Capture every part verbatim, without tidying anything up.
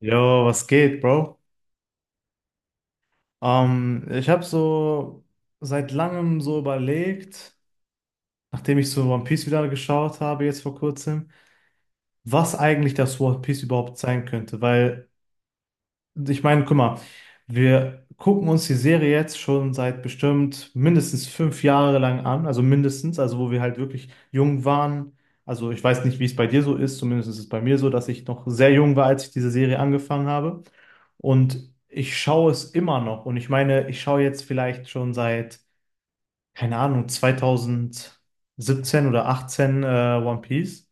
Jo, was geht, Bro? Ähm, ich habe so seit langem so überlegt, nachdem ich so One Piece wieder geschaut habe, jetzt vor kurzem, was eigentlich das One Piece überhaupt sein könnte, weil ich meine, guck mal, wir gucken uns die Serie jetzt schon seit bestimmt mindestens fünf Jahre lang an, also mindestens, also wo wir halt wirklich jung waren. Also ich weiß nicht, wie es bei dir so ist, zumindest ist es bei mir so, dass ich noch sehr jung war, als ich diese Serie angefangen habe. Und ich schaue es immer noch. Und ich meine, ich schaue jetzt vielleicht schon seit, keine Ahnung, zwanzig siebzehn oder achtzehn äh, One Piece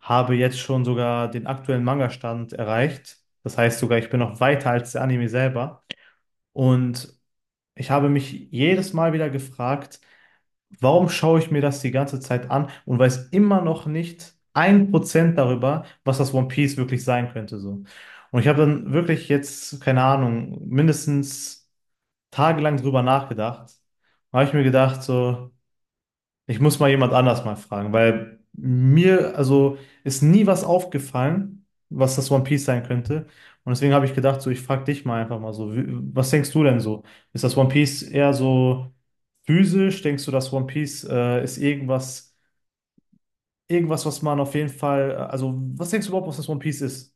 habe jetzt schon sogar den aktuellen Manga-Stand erreicht. Das heißt sogar, ich bin noch weiter als der Anime selber. Und ich habe mich jedes Mal wieder gefragt, warum schaue ich mir das die ganze Zeit an und weiß immer noch nicht ein Prozent darüber, was das One Piece wirklich sein könnte, so. Und ich habe dann wirklich jetzt, keine Ahnung, mindestens tagelang drüber nachgedacht. Da habe ich mir gedacht, so, ich muss mal jemand anders mal fragen, weil mir, also ist nie was aufgefallen, was das One Piece sein könnte. Und deswegen habe ich gedacht, so, ich frage dich mal einfach mal so, wie, was denkst du denn so? Ist das One Piece eher so physisch? Denkst du, das One Piece äh, ist irgendwas, irgendwas, was man auf jeden Fall, äh, also was denkst du überhaupt, was das One Piece ist?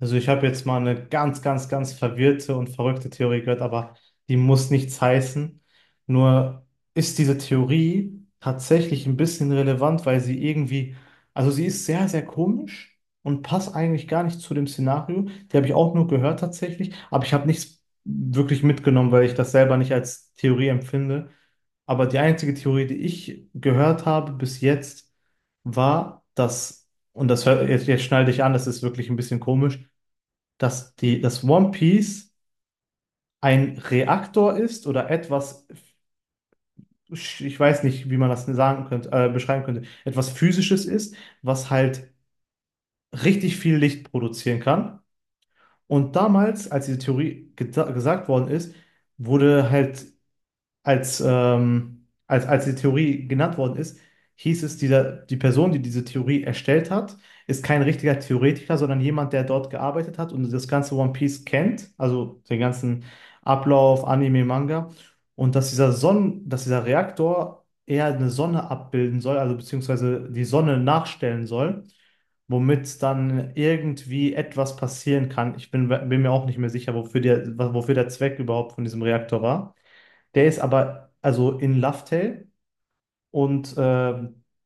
Also ich habe jetzt mal eine ganz, ganz, ganz verwirrte und verrückte Theorie gehört, aber die muss nichts heißen. Nur ist diese Theorie tatsächlich ein bisschen relevant, weil sie irgendwie, also sie ist sehr, sehr komisch und passt eigentlich gar nicht zu dem Szenario. Die habe ich auch nur gehört tatsächlich, aber ich habe nichts wirklich mitgenommen, weil ich das selber nicht als Theorie empfinde. Aber die einzige Theorie, die ich gehört habe bis jetzt, war, dass, und das hört, jetzt, jetzt schnall dich an, das ist wirklich ein bisschen komisch, dass die, dass One Piece ein Reaktor ist oder etwas, ich weiß nicht, wie man das sagen könnte, äh, beschreiben könnte, etwas Physisches ist, was halt richtig viel Licht produzieren kann. Und damals, als diese Theorie geda- gesagt worden ist, wurde halt als, ähm, als, als die Theorie genannt worden ist, hieß es, dieser, die Person, die diese Theorie erstellt hat, ist kein richtiger Theoretiker, sondern jemand, der dort gearbeitet hat und das ganze One Piece kennt, also den ganzen Ablauf, Anime, Manga. Und dass dieser Sonnen, dass dieser Reaktor eher eine Sonne abbilden soll, also beziehungsweise die Sonne nachstellen soll, womit dann irgendwie etwas passieren kann. Ich bin, bin mir auch nicht mehr sicher, wofür der, wofür der Zweck überhaupt von diesem Reaktor war. Der ist aber also in Lufthell und äh,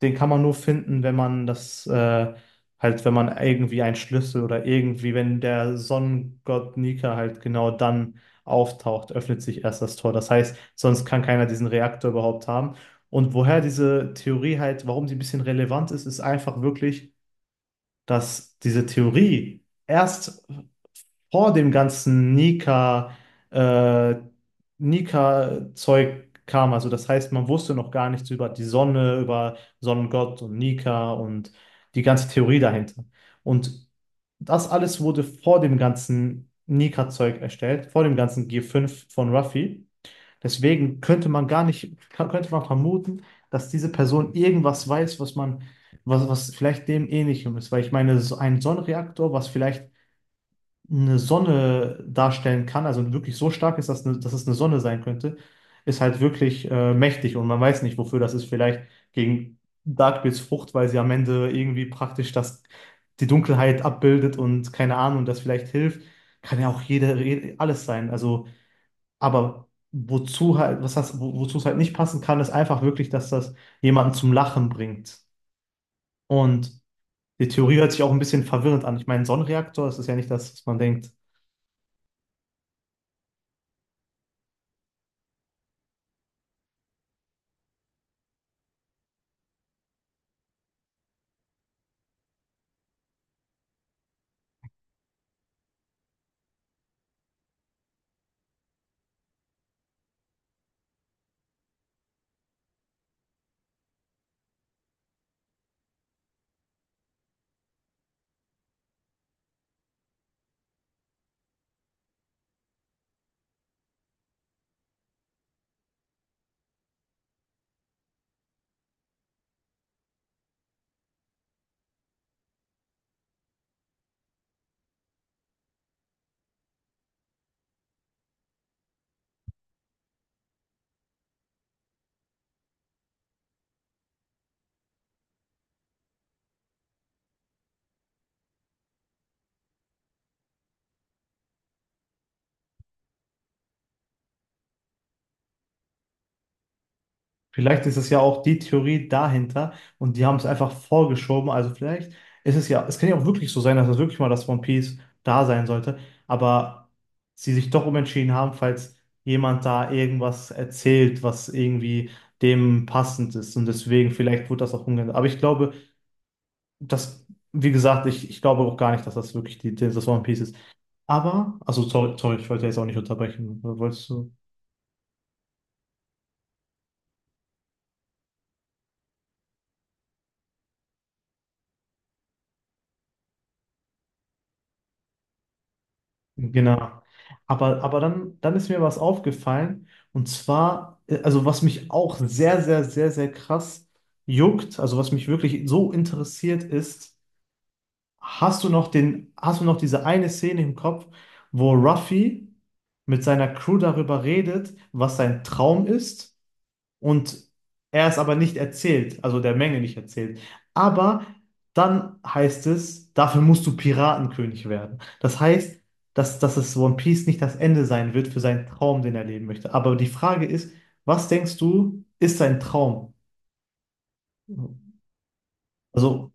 den kann man nur finden, wenn man das äh, halt, wenn man irgendwie einen Schlüssel oder irgendwie, wenn der Sonnengott Nika halt genau dann auftaucht, öffnet sich erst das Tor. Das heißt, sonst kann keiner diesen Reaktor überhaupt haben. Und woher diese Theorie halt, warum sie ein bisschen relevant ist, ist einfach wirklich, dass diese Theorie erst vor dem ganzen Nika, äh, Nika-Zeug kam. Also das heißt, man wusste noch gar nichts über die Sonne, über Sonnengott und Nika und die ganze Theorie dahinter. Und das alles wurde vor dem ganzen Nika-Zeug erstellt, vor dem ganzen g fünf von Ruffy. Deswegen könnte man gar nicht, könnte man vermuten, dass diese Person irgendwas weiß, was man, was, was vielleicht dem Ähnlichem ist. Weil ich meine, so ein Sonnenreaktor, was vielleicht eine Sonne darstellen kann, also wirklich so stark ist, dass, eine, dass es eine Sonne sein könnte, ist halt wirklich äh, mächtig und man weiß nicht, wofür das ist. Vielleicht gegen Darkbeets Frucht, weil sie am Ende irgendwie praktisch das, die Dunkelheit abbildet und keine Ahnung, das vielleicht hilft. Kann ja auch jede, alles sein. Also aber wozu halt, was heißt, wo- wozu es halt nicht passen kann, ist einfach wirklich, dass das jemanden zum Lachen bringt. Und die Theorie hört sich auch ein bisschen verwirrend an. Ich meine, Sonnenreaktor, das ist ja nicht das, was man denkt. Vielleicht ist es ja auch die Theorie dahinter und die haben es einfach vorgeschoben. Also vielleicht ist es ja, es kann ja auch wirklich so sein, dass es wirklich mal das One Piece da sein sollte, aber sie sich doch umentschieden haben, falls jemand da irgendwas erzählt, was irgendwie dem passend ist. Und deswegen, vielleicht wurde das auch umgeändert. Aber ich glaube, das, wie gesagt, ich, ich glaube auch gar nicht, dass das wirklich die, die- das One Piece ist. Aber, also sorry, sorry, ich wollte jetzt auch nicht unterbrechen. Wolltest du? Genau. Aber, aber dann, dann ist mir was aufgefallen. Und zwar, äh, also was mich auch sehr, sehr, sehr, sehr krass juckt, also was mich wirklich so interessiert ist, hast du noch den, hast du noch diese eine Szene im Kopf, wo Ruffy mit seiner Crew darüber redet, was sein Traum ist? Und er es aber nicht erzählt, also der Menge nicht erzählt. Aber dann heißt es, dafür musst du Piratenkönig werden. Das heißt, dass, dass es One Piece nicht das Ende sein wird für seinen Traum, den er leben möchte. Aber die Frage ist, was denkst du, ist sein Traum? Also,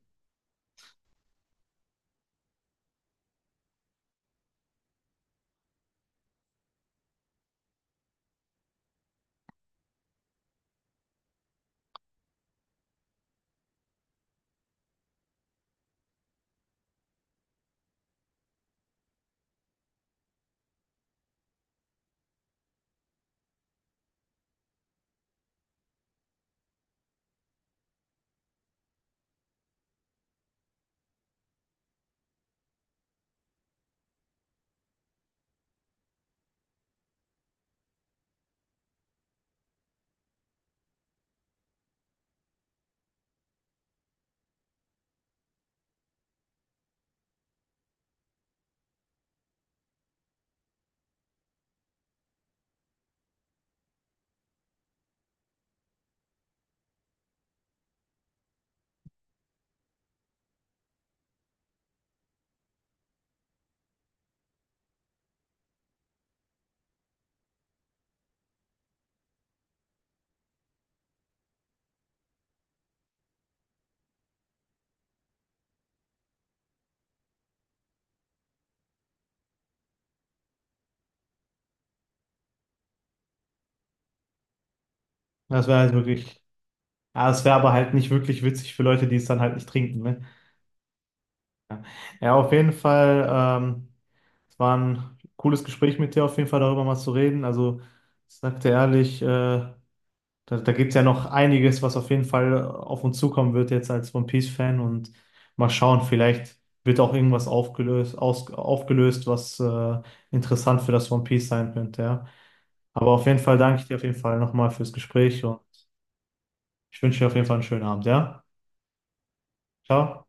das wäre halt wirklich, ja, es wäre aber halt nicht wirklich witzig für Leute, die es dann halt nicht trinken, ne? Ja, auf jeden Fall, ähm, es war ein cooles Gespräch mit dir, auf jeden Fall darüber mal zu reden. Also, ich sag dir ehrlich, äh, Da, da gibt es ja noch einiges, was auf jeden Fall auf uns zukommen wird jetzt als One Piece-Fan und mal schauen, vielleicht wird auch irgendwas aufgelöst, aus, aufgelöst, was äh, interessant für das One Piece sein könnte, ja. Aber auf jeden Fall danke ich dir auf jeden Fall nochmal fürs Gespräch und ich wünsche dir auf jeden Fall einen schönen Abend, ja. Ciao.